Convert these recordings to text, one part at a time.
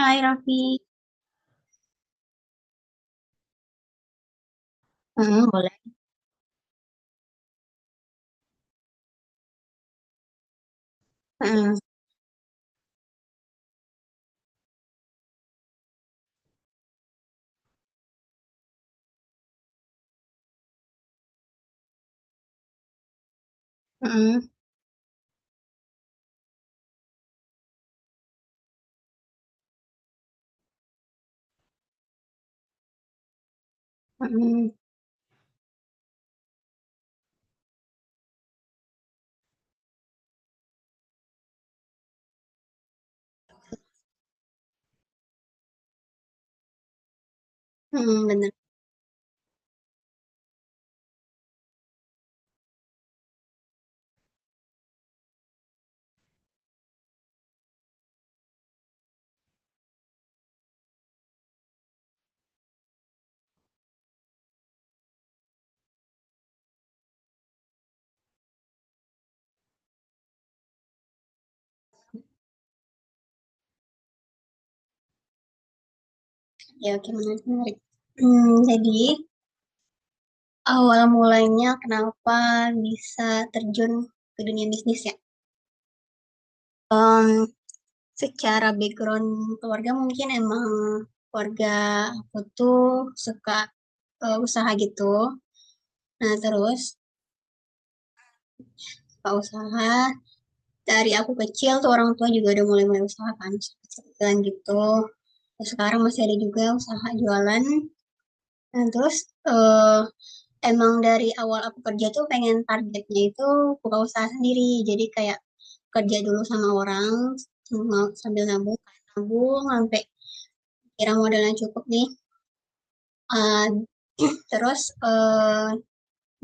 Hai Raffi. Heeh, boleh. Heeh, heeh, heeh, heeh, bener. Ya, oke, menarik, menarik. Hmm, jadi awal mulanya kenapa bisa terjun ke dunia bisnis ya? Em, secara background keluarga mungkin emang keluarga aku tuh suka usaha gitu. Nah terus suka usaha dari aku kecil tuh orang tua juga udah mulai-mulai usaha kan, kecil-kecilan gitu. Terus sekarang masih ada juga usaha jualan. Nah, terus, eee, emang dari awal aku kerja tuh pengen targetnya itu buka usaha sendiri. Jadi kayak kerja dulu sama orang, sama sambil nabung kan, nabung sampai kira modalnya cukup nih, eee, terus,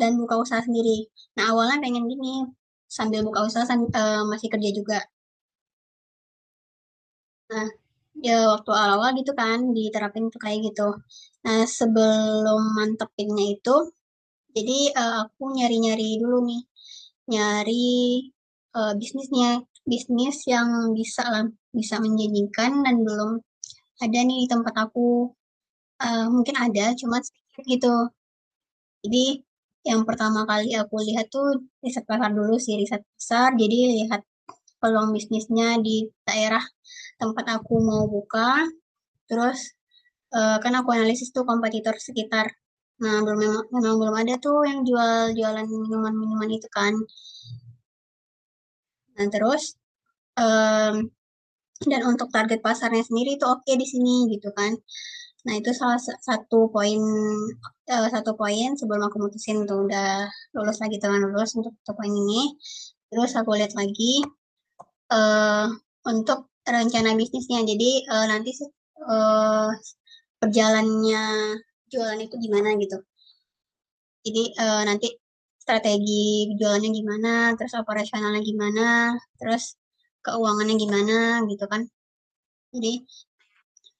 dan buka usaha sendiri. Nah, awalnya pengen gini, sambil buka usaha masih kerja juga. Nah, ya waktu awal-awal gitu kan diterapin tuh kayak gitu. Nah, sebelum mantepinnya itu, jadi, aku nyari-nyari dulu nih, nyari, bisnisnya, bisnis yang bisa lah, bisa menjanjikan dan belum ada nih di tempat aku, mungkin ada cuma sedikit gitu. Jadi, yang pertama kali aku lihat tuh riset pasar dulu sih, riset pasar, jadi lihat peluang bisnisnya di daerah tempat aku mau buka, terus, kan aku analisis tuh kompetitor sekitar. Nah, belum, memang memang belum ada tuh yang jual jualan minuman-minuman itu kan. Nah, terus, mmm, dan untuk target pasarnya sendiri itu oke okay di sini gitu kan. Nah, itu salah satu poin, satu poin sebelum aku mutusin tuh udah lulus lagi, teman-teman lulus untuk satu poin ini. Terus aku lihat lagi, eee, untuk rencana bisnisnya. Jadi, nanti sih, eee, jualan itu gimana gitu. Jadi, nanti strategi jualannya gimana, terus operasionalnya gimana, terus keuangannya gimana gitu kan. Jadi,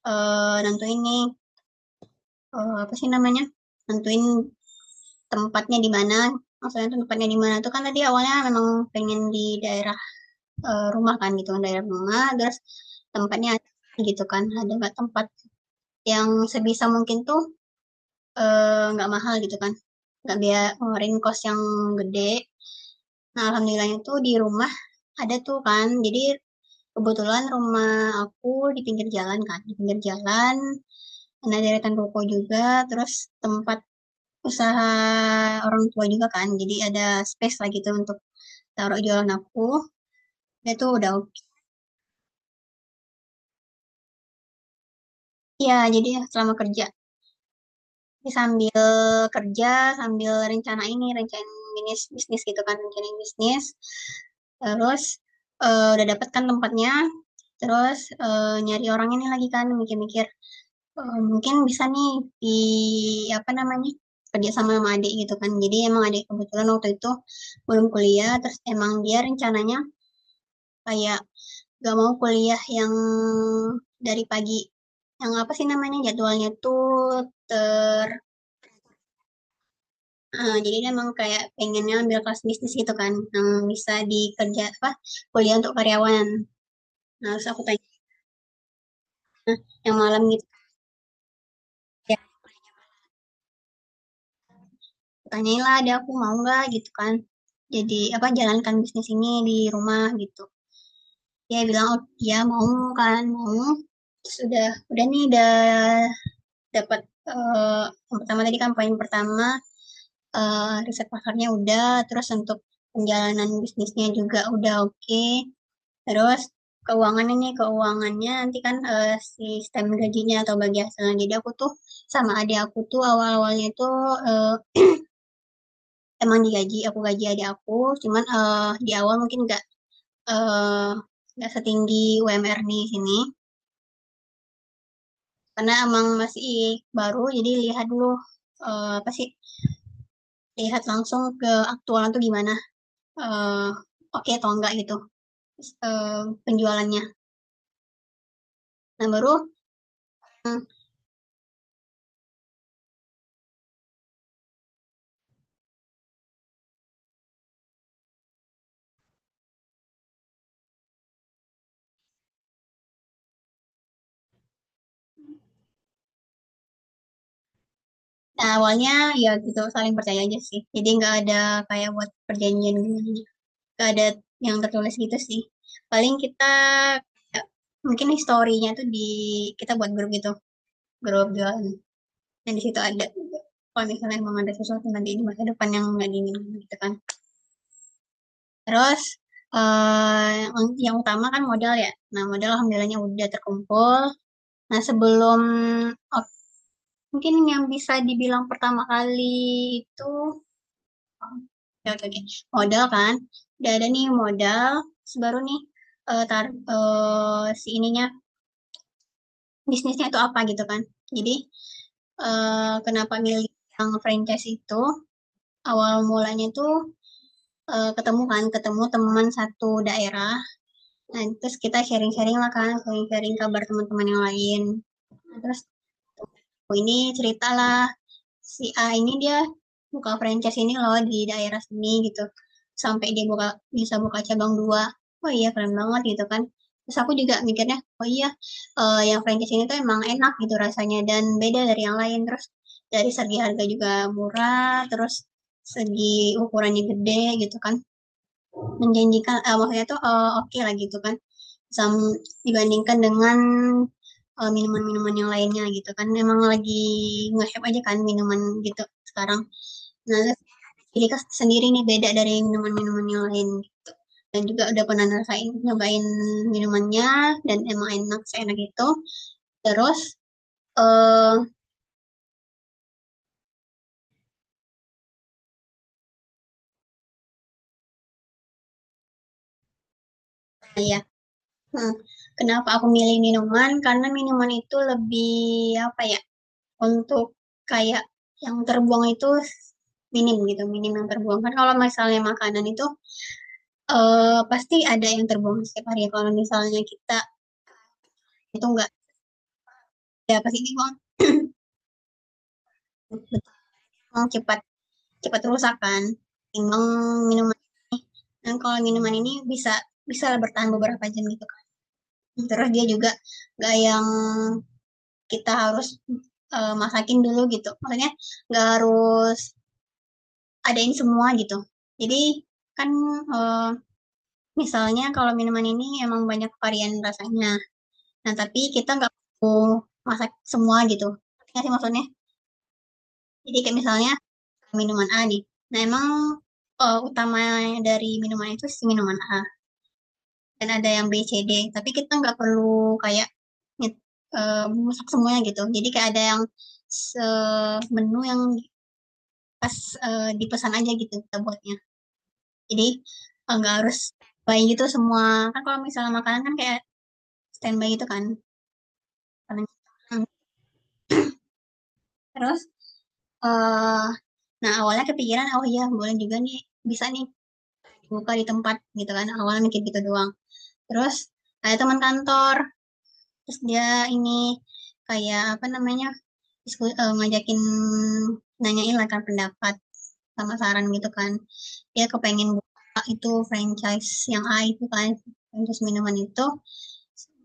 nentuin nih, apa sih namanya, nentuin tempatnya di mana, maksudnya tempatnya di mana tuh kan, tadi awalnya memang pengen di daerah, rumah kan gitu kan, daerah rumah terus tempatnya gitu kan, ada nggak tempat yang sebisa mungkin tuh, nggak mahal gitu kan, nggak biar ngeluarin kos yang gede. Nah, alhamdulillahnya tuh di rumah ada tuh kan, jadi kebetulan rumah aku di pinggir jalan kan, di pinggir jalan, nah deretan ruko juga, terus tempat usaha orang tua juga kan, jadi ada space-lah gitu untuk taruh jualan aku, ya itu udah ok. Iya, jadi selama kerja, jadi sambil kerja, sambil rencana ini, rencana bisnis bisnis gitu kan, rencana bisnis, terus, udah dapet kan tempatnya, terus, nyari orang ini lagi kan, mikir-mikir. Mungkin bisa nih di apa namanya, kerja sama sama adik gitu kan. Jadi emang adik kebetulan waktu itu belum kuliah, terus emang dia rencananya kayak gak mau kuliah yang dari pagi, yang apa sih namanya, jadwalnya tuh. Ter heeh, jadi dia emang kayak pengennya ambil kelas bisnis gitu kan, yang bisa dikerja apa, kuliah untuk karyawan. Nah, terus aku tanya yang malam gitu. Tanyain lah dia aku mau nggak gitu kan, jadi apa jalankan bisnis ini di rumah gitu, dia bilang oh dia mau kan, mau. Terus udah nih udah dapat, eh, yang pertama tadi kan poin pertama, riset pasarnya udah, terus untuk penjalanan bisnisnya juga udah oke okay. Terus keuangannya nih, keuangannya nanti kan, sistem gajinya atau bagi hasilnya, jadi aku tuh sama adik aku tuh awal-awalnya tuh, eh, Emang digaji, aku gaji adik aku, cuman, di awal mungkin nggak, eee, nggak setinggi UMR di sini, karena emang masih baru, jadi lihat dulu, apa sih, lihat langsung ke aktualan tuh gimana, eee, oke okay atau enggak gitu, terus penjualannya. Nah baru, nah awalnya ya gitu, saling percaya aja sih, jadi nggak ada kayak buat perjanjian gimana, nggak ada yang tertulis gitu sih. Paling kita, ya, mungkin historinya tuh di kita buat grup gitu, gerobak. Nah, di situ ada juga, kalau misalnya emang ada sesuatu nanti di masa depan yang nggak diinginkan gitu kan, terus eh yang utama kan modal ya. Nah, modal alhamdulillahnya udah terkumpul. Nah, sebelum, oh, mungkin yang bisa dibilang pertama kali itu, oke oke oke. Modal kan udah ada nih, modal terus baru nih, eh tar si ininya, bisnisnya itu apa gitu kan, jadi, kenapa milih yang franchise itu, awal mulanya itu, ketemu kan, ketemu teman satu daerah. Nah, terus kita sharing-sharing lah kan, sharing-sharing kabar teman-teman yang lain. Nah, terus aku ini ceritalah si A ini dia buka franchise ini loh di daerah sini gitu. Sampai dia buka bisa buka cabang dua. Wah, iya keren banget gitu kan. Terus aku juga mikirnya, oh iya, yang franchise ini tuh emang enak gitu rasanya dan beda dari yang lain. Terus dari segi harga juga murah, terus segi ukurannya gede gitu kan, menjanjikan, maksudnya tuh, oke okay lah gitu kan. Sam- Dibandingkan dengan, minuman-minuman yang lainnya gitu kan, emang lagi nge-hype aja kan minuman gitu sekarang. Nah terus Erika sendiri nih beda dari minuman-minuman yang lain gitu, dan juga udah pernah ngerasain, nyobain minumannya dan emang enak seenak itu. Terus eh ya, hmm, kenapa aku milih minuman, karena minuman itu lebih apa ya, untuk kayak yang terbuang itu minim gitu, minim yang terbuang. Kan kalau misalnya makanan itu, pasti ada yang terbuang setiap hari ya, kalau misalnya kita itu nggak ada pasti dibuang. Betul, cepat cepat rusak kan. Timbang minuman, dan kalau minuman ini bisa, bertahan beberapa jam gitu kan. Terus dia juga nggak yang kita harus, masakin dulu gitu, maksudnya nggak harus adain semua gitu. Jadi kan, eee, Misalnya kalau minuman ini emang banyak varian rasanya. Nah, tapi kita nggak perlu masak semua gitu. Ngerti nggak sih maksudnya? Jadi kayak misalnya minuman A nih. Nah, emang, utama dari minuman itu si minuman A, dan ada yang B, C, D, tapi kita nggak perlu kayak, nyet masak semuanya gitu. Jadi kayak ada yang menu yang, dipesan aja gitu kita buatnya. Jadi, nggak harus buy gitu semua. Kan kalau misalnya makanan kan kayak standby gitu kan. Karena Terus, eee, nah awalnya kepikiran, "Oh iya boleh juga nih, bisa nih buka di tempat," gitu kan, awalnya mikir gitu doang. Terus ada teman kantor, terus dia ini, kayak apa namanya, ngajakin, nanyain lah kan pendapat sama saran gitu kan. Dia kepengen buka itu franchise yang A itu kan, franchise minuman itu,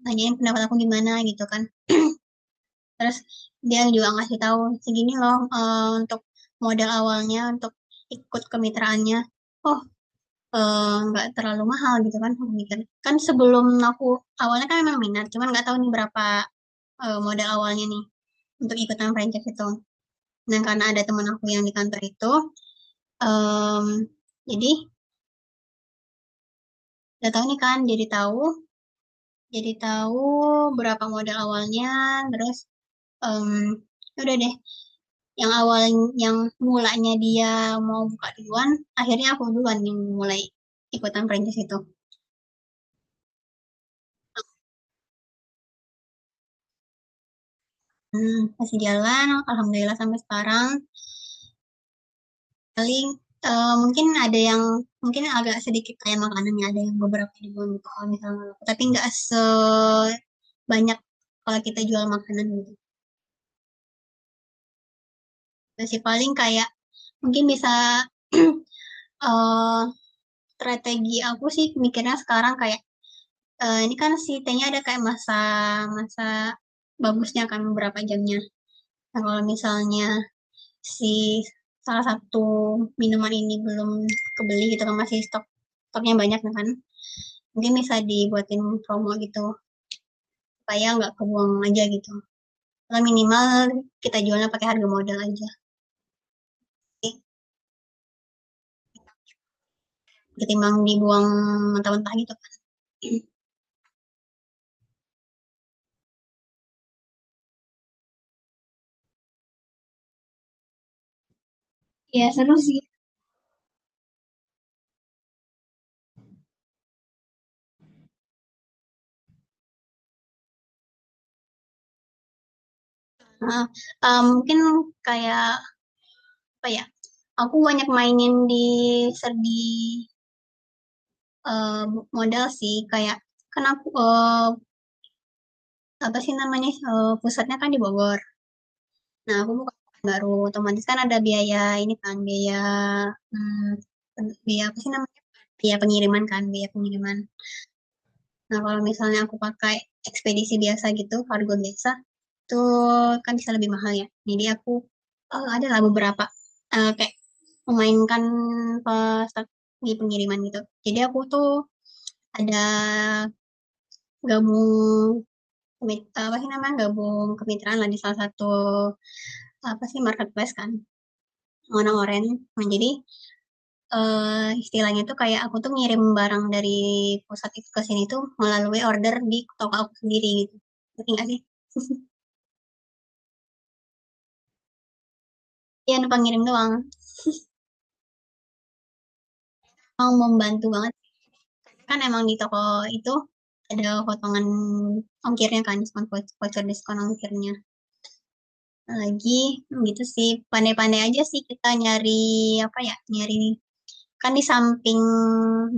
nanyain pendapat aku gimana gitu kan. Terus dia juga ngasih tahu, "Segini loh, untuk modal awalnya untuk ikut kemitraannya." Oh, nggak terlalu mahal gitu kan aku mikir. Kan sebelum aku awalnya kan emang minat, cuman nggak tahu nih berapa, modal awalnya nih untuk ikutan franchise itu. Nah, karena ada teman aku yang di kantor itu, mmm, jadi udah tahu nih kan, jadi tahu berapa modal awalnya, terus, Mmm, udah deh, yang awal yang mulanya dia mau buka duluan, akhirnya aku duluan yang mulai ikutan perintis itu. Masih jalan alhamdulillah sampai sekarang, paling, mungkin ada yang mungkin agak sedikit kayak makanannya, ada yang beberapa ribuan gitu kalau misalnya, tapi nggak sebanyak kalau kita jual makanan gitu. Masih paling kayak mungkin bisa, eee, strategi aku sih mikirnya sekarang kayak, ini kan si T-nya ada kayak masa masa bagusnya kan beberapa jamnya. Nah, kalau misalnya si salah satu minuman ini belum kebeli gitu kan, masih stoknya banyak ya kan, mungkin bisa dibuatin promo gitu, supaya nggak kebuang aja gitu. Kalau minimal kita jualnya pakai harga modal aja, ketimbang dibuang mentah-mentah gitu kan. Iya, seru sih. Heeh, mungkin kayak, apa ya, aku banyak mainin di Eee, modal sih kayak kenapa aku, apa sih namanya, pusatnya kan di Bogor. Nah, aku buka baru, otomatis kan ada biaya ini kan, biaya, mmm, biaya apa sih namanya, biaya pengiriman kan, biaya pengiriman. Nah, kalau misalnya aku pakai ekspedisi biasa gitu, kargo biasa, tuh kan bisa lebih mahal ya. Jadi aku, adalah beberapa, kayak memainkan pas di pengiriman gitu. Jadi aku tuh ada gabung, Kemit apa sih namanya, gabung kemitraan lah di salah satu, apa sih, marketplace kan, warna oranye. Nah, jadi, istilahnya tuh kayak aku tuh ngirim barang dari pusat itu ke sini tuh melalui order di toko aku sendiri gitu, ngerti nggak sih? Iya, numpang ngirim doang. Mau membantu banget, kan emang di toko itu ada potongan ongkirnya kan, diskon voucher diskon ongkirnya. Lagi gitu sih, pandai-pandai aja sih kita nyari, apa ya, nyari, kan di samping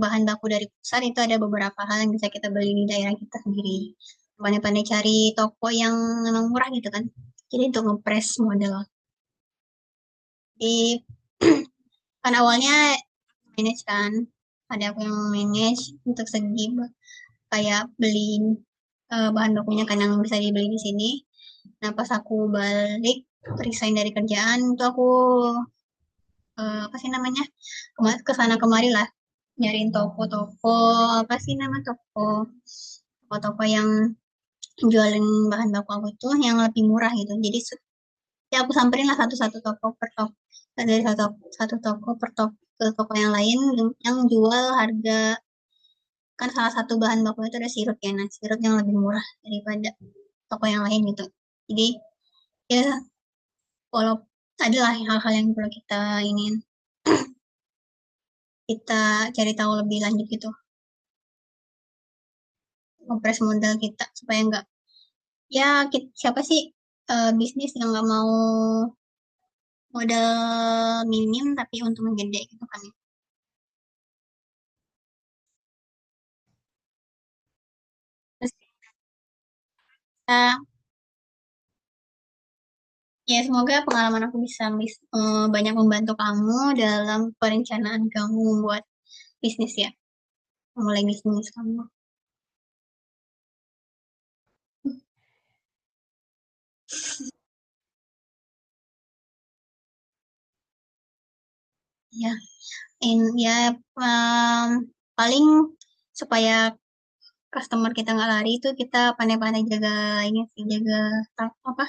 bahan baku dari pusat itu ada beberapa hal yang bisa kita beli di daerah kita sendiri. Pandai-pandai cari toko yang memang murah gitu kan. Jadi untuk ngepres modal. Di Kan awalnya manage kan, ada aku yang manage untuk segi kayak beli, bahan bakunya kan yang bisa dibeli di sini. Nah pas aku balik resign dari kerjaan itu aku, apa sih namanya, kesana kemari lah, nyariin toko-toko, apa sih nama toko-toko yang jualin bahan baku aku tuh yang lebih murah gitu, ya aku samperin lah satu-satu toko per toko, dari satu satu toko per toko ke toko yang lain yang jual harga, kan salah satu bahan baku itu ada sirup ya, nah sirup yang lebih murah daripada toko yang lain gitu. Jadi ya, kalau adalah hal-hal yang perlu kita ingin kita cari tahu lebih lanjut gitu, ngepres modal kita supaya nggak. Ya, siapa sih, bisnis yang nggak mau modal minim tapi untungnya gede gitu kan ya. Terus kita, ya semoga pengalaman aku bisa, banyak membantu kamu dalam perencanaan kamu buat bisnis ya, mulai bisnis kamu. Ya, in ya, mmm, paling supaya customer kita nggak lari itu kita pandai-pandai jaga ini sih, jaga, ra apa,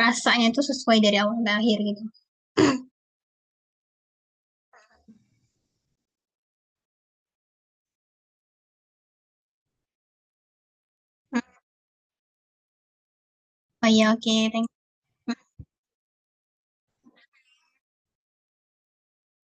rasanya itu sesuai dari awal ke akhir gitu. Mhm, oh ya, oke, thank you.